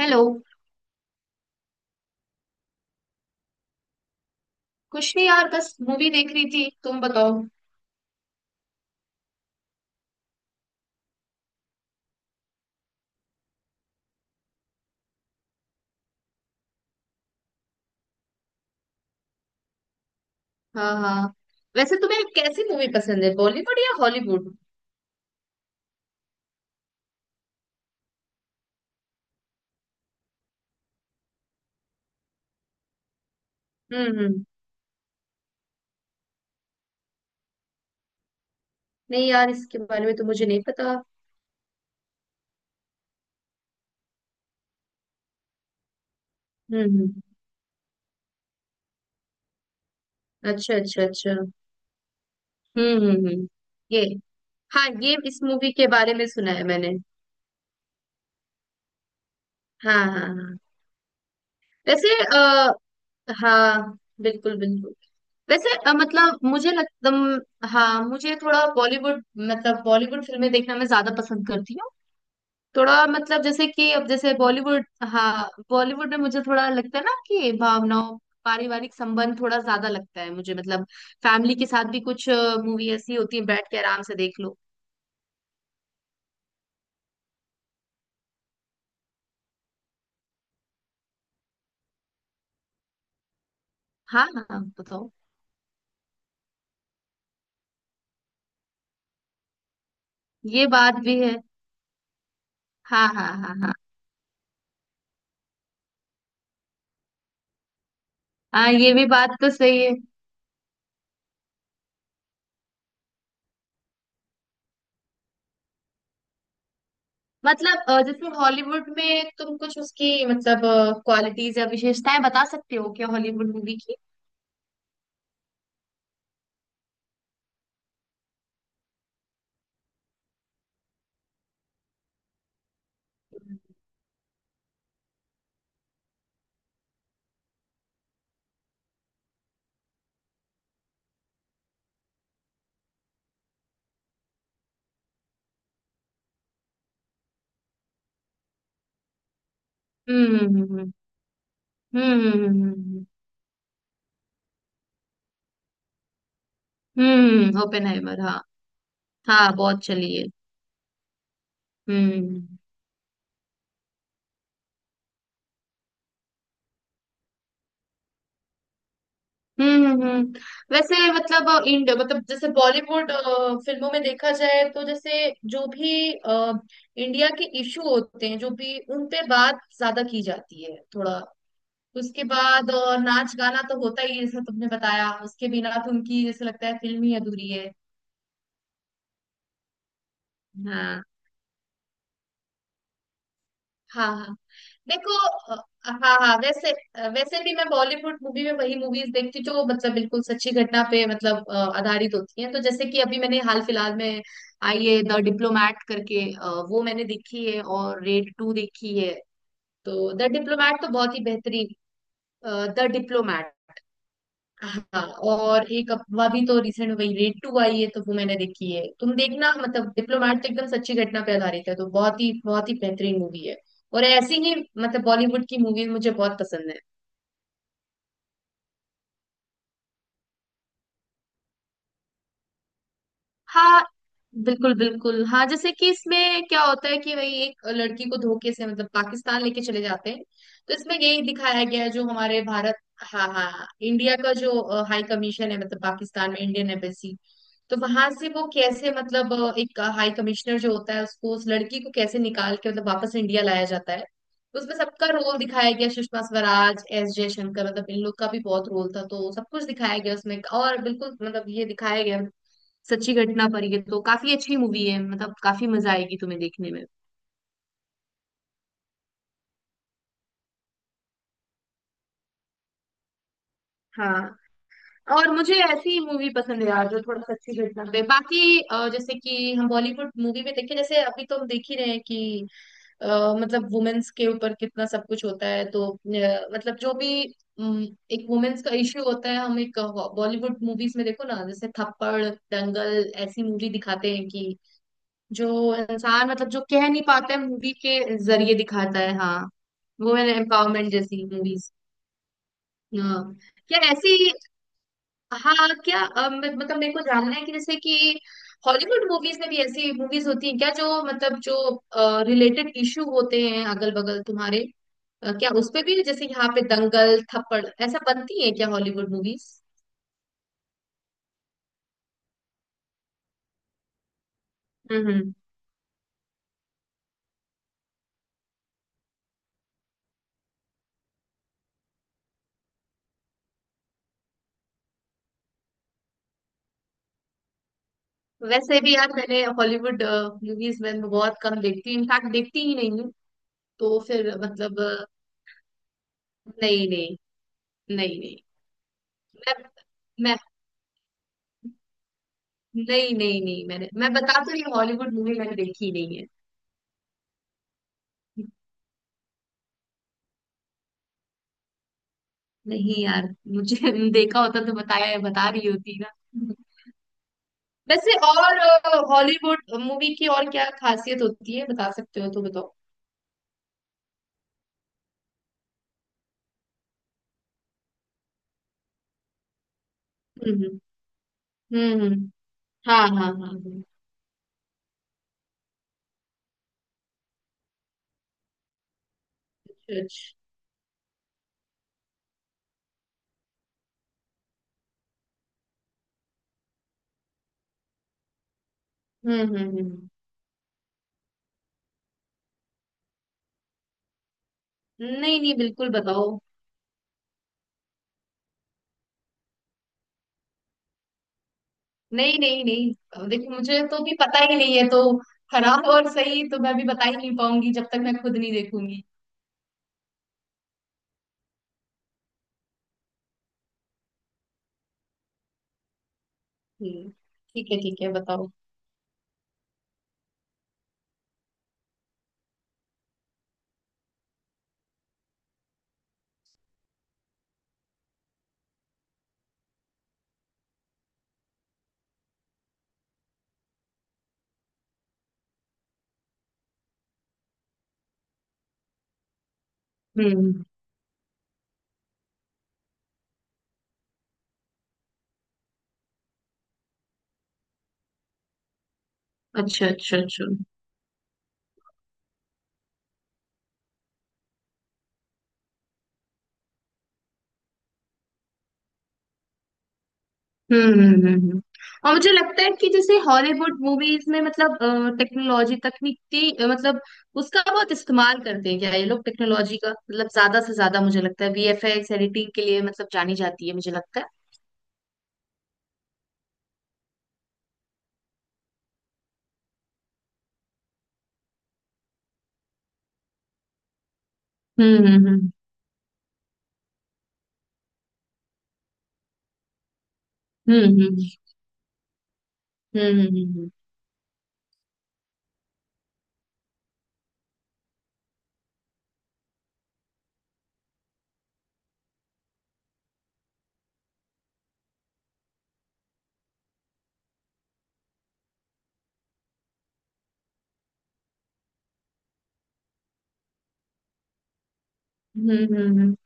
Hello. कुछ नहीं यार, बस मूवी देख रही थी। तुम बताओ। हाँ हाँ। वैसे तुम्हें कैसी मूवी पसंद है, बॉलीवुड या हॉलीवुड? हम्म। नहीं यार, इसके बारे में तो मुझे नहीं पता। हम्म। अच्छा अच्छा अच्छा। हम्म। ये। हाँ, ये इस मूवी के बारे में सुना है मैंने। हाँ हाँ हाँ। वैसे हाँ बिल्कुल बिल्कुल। वैसे मतलब मुझे लगता हाँ, मुझे थोड़ा बॉलीवुड मतलब बॉलीवुड फिल्में देखना मैं ज्यादा पसंद करती हूँ। थोड़ा मतलब जैसे कि अब जैसे बॉलीवुड। हाँ, बॉलीवुड में मुझे थोड़ा लगता है ना कि भावनाओं, पारिवारिक संबंध थोड़ा ज्यादा लगता है मुझे मतलब। फैमिली के साथ भी कुछ मूवी ऐसी होती है, बैठ के आराम से देख लो। हाँ हाँ बताओ। ये बात भी है। हाँ हाँ हाँ हाँ। हाँ, ये भी बात तो सही है। मतलब जैसे हॉलीवुड में तुम कुछ उसकी मतलब क्वालिटीज या विशेषताएं बता सकते हो क्या, हॉलीवुड मूवी की? हम्म हम्म हम्म। हम्म, ओपेनहाइमर हाँ। हाँ बहुत चली है। हम्म हम्म हम्म, हम्म। वैसे मतलब इंड मतलब जैसे बॉलीवुड फिल्मों में देखा जाए तो जैसे जो भी इंडिया के इशू होते हैं, जो भी उन पे बात ज्यादा की जाती है थोड़ा। उसके बाद नाच गाना तो होता ही है, जैसा तुमने बताया उसके बिना तो उनकी जैसे लगता है फिल्म ही अधूरी है। हाँ हाँ हाँ, देखो अ, हाँ हाँ, वैसे वैसे भी मैं बॉलीवुड मूवी में वही मूवीज देखती हूँ जो मतलब बिल्कुल सच्ची घटना पे मतलब आधारित होती हैं। तो जैसे कि अभी मैंने हाल फिलहाल में आई है द डिप्लोमैट करके, वो मैंने देखी है और रेड टू देखी है। तो द डिप्लोमैट तो बहुत ही बेहतरीन। The diplomat. हाँ। और एक अफवाह भी, तो रिसेंट में वही रेड टू आई है तो वो मैंने देखी है। तुम देखना मतलब डिप्लोमेट तो एकदम सच्ची घटना पे आधारित है, तो बहुत ही बेहतरीन मूवी है। और ऐसी ही मतलब बॉलीवुड की मूवीज मुझे बहुत पसंद है। हाँ बिल्कुल बिल्कुल। हाँ, जैसे कि इसमें क्या होता है कि वही एक लड़की को धोखे से मतलब पाकिस्तान लेके चले जाते हैं। तो इसमें यही दिखाया गया है जो हमारे भारत। हाँ हाँ हाँ, इंडिया का जो हाई कमीशन है मतलब पाकिस्तान में इंडियन एम्बेसी। तो वहां से वो कैसे मतलब एक हाई कमिश्नर जो होता है उसको उस लड़की को कैसे निकाल के मतलब वापस इंडिया लाया जाता है। तो उसमें सबका रोल दिखाया गया, सुषमा स्वराज, एस जयशंकर, मतलब इन लोग का भी बहुत रोल था। तो सब कुछ दिखाया गया उसमें और बिल्कुल मतलब ये दिखाया गया सच्ची घटना पर। ये तो काफी अच्छी मूवी है मतलब काफी मजा आएगी तुम्हें देखने में। हाँ। और मुझे ऐसी मूवी पसंद है यार जो थोड़ा सच्ची घटना पे, बाकी जैसे कि हम बॉलीवुड मूवी में देखें, जैसे अभी तो हम देख ही रहे हैं कि अ, मतलब वुमेन्स के ऊपर कितना सब कुछ होता है, तो मतलब जो भी अम, एक वुमेन्स का इश्यू होता है हम एक बॉलीवुड मूवीज में देखो ना, जैसे थप्पड़, दंगल, ऐसी मूवी दिखाते हैं कि जो इंसान मतलब जो कह नहीं पाता है मूवी के जरिए दिखाता है। हाँ, वुमेन एम्पावरमेंट जैसी मूवीज। हाँ क्या ऐसी, हाँ क्या मतलब मेरे को जानना है कि जैसे कि हॉलीवुड मूवीज में भी ऐसी मूवीज होती हैं क्या, जो मतलब जो रिलेटेड इशू होते हैं अगल बगल तुम्हारे, क्या उसपे भी जैसे यहाँ पे दंगल थप्पड़ ऐसा बनती है क्या हॉलीवुड मूवीज? हम्म हम्म। वैसे भी यार मैंने हॉलीवुड मूवीज में बहुत कम देखती हूँ, इनफैक्ट देखती ही नहीं हूँ तो फिर मतलब। नहीं नहीं नहीं नहीं। मैं मैं नहीं नहीं नहीं, मैंने मैं बता तो रही हूँ, हॉलीवुड मूवी मैंने देखी नहीं है। नहीं यार, मुझे देखा होता तो बताया, बता रही होती ना। वैसे और हॉलीवुड मूवी की और क्या खासियत होती है, बता सकते हो तो बताओ। हम्म हम्म हम्म, हाँ हाँ हाँ हाँ, अच्छा अच्छा। हम्म। नहीं नहीं, बिल्कुल बताओ। नहीं नहीं नहीं, अब देखो मुझे तो भी पता ही नहीं है तो खराब और सही तो मैं भी बता ही नहीं पाऊंगी जब तक मैं खुद नहीं देखूंगी। हम्म, ठीक है ठीक है, बताओ। हम्म, अच्छा अच्छा अच्छा। हम्म हम्म हम्म हम्म। और मुझे लगता है कि जैसे हॉलीवुड मूवीज में मतलब टेक्नोलॉजी तकनीक की मतलब उसका बहुत इस्तेमाल करते हैं क्या ये लोग, टेक्नोलॉजी का मतलब ज्यादा से ज्यादा मुझे लगता है वीएफएक्स एडिटिंग के लिए मतलब जानी जाती है, मुझे लगता है। हम्म हम्म हम्म हम्म हम्म हम्म हम्म हम्म हम्म हम्म, हम्म, हम्म, हम्म,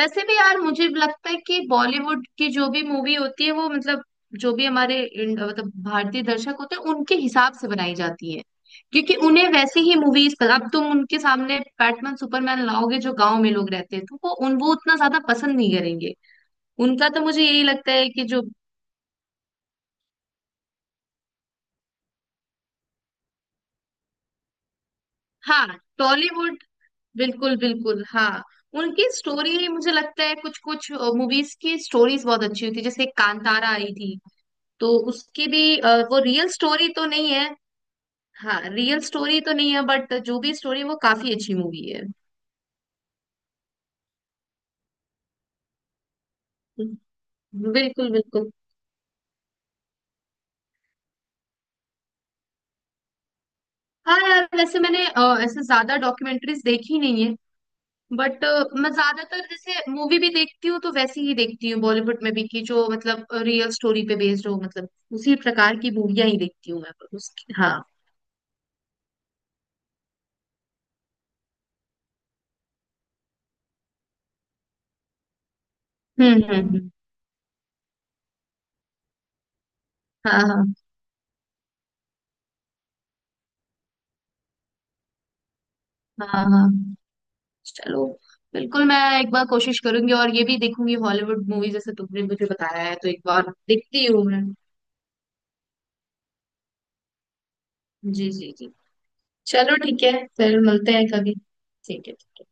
वैसे भी यार मुझे लगता है कि बॉलीवुड की जो भी मूवी होती है वो मतलब जो भी हमारे मतलब भारतीय दर्शक होते हैं उनके हिसाब से बनाई जाती है। क्योंकि उन्हें वैसे ही मूवीज, अब तुम उनके सामने बैटमैन सुपरमैन लाओगे, जो गांव में लोग रहते हैं तो वो उतना ज्यादा पसंद नहीं करेंगे। उनका तो मुझे यही लगता है कि जो। हाँ, टॉलीवुड, बिल्कुल बिल्कुल हाँ। उनकी स्टोरी मुझे लगता है कुछ कुछ मूवीज की स्टोरीज बहुत अच्छी होती है। जैसे कांतारा आई थी, तो उसकी भी वो रियल स्टोरी तो नहीं है। हाँ, रियल स्टोरी तो नहीं है बट जो भी स्टोरी, वो काफी अच्छी मूवी है। बिल्कुल बिल्कुल। हाँ यार, वैसे मैंने ऐसे ज्यादा डॉक्यूमेंट्रीज देखी नहीं है बट मैं ज्यादातर, जैसे मूवी भी देखती हूँ तो वैसी ही देखती हूँ बॉलीवुड में भी, कि जो मतलब रियल स्टोरी पे बेस्ड हो मतलब उसी प्रकार की मूवियां ही देखती हूँ मैं। उसकी हाँ। हम्म हम्म हम्म। हाँ हाँ हाँ हाँ, चलो, बिल्कुल मैं एक बार कोशिश करूंगी और ये भी देखूंगी हॉलीवुड मूवी जैसे तुमने मुझे बताया है, तो एक बार देखती हूँ मैं। जी जी जी। चलो ठीक है, फिर मिलते हैं कभी। ठीक है।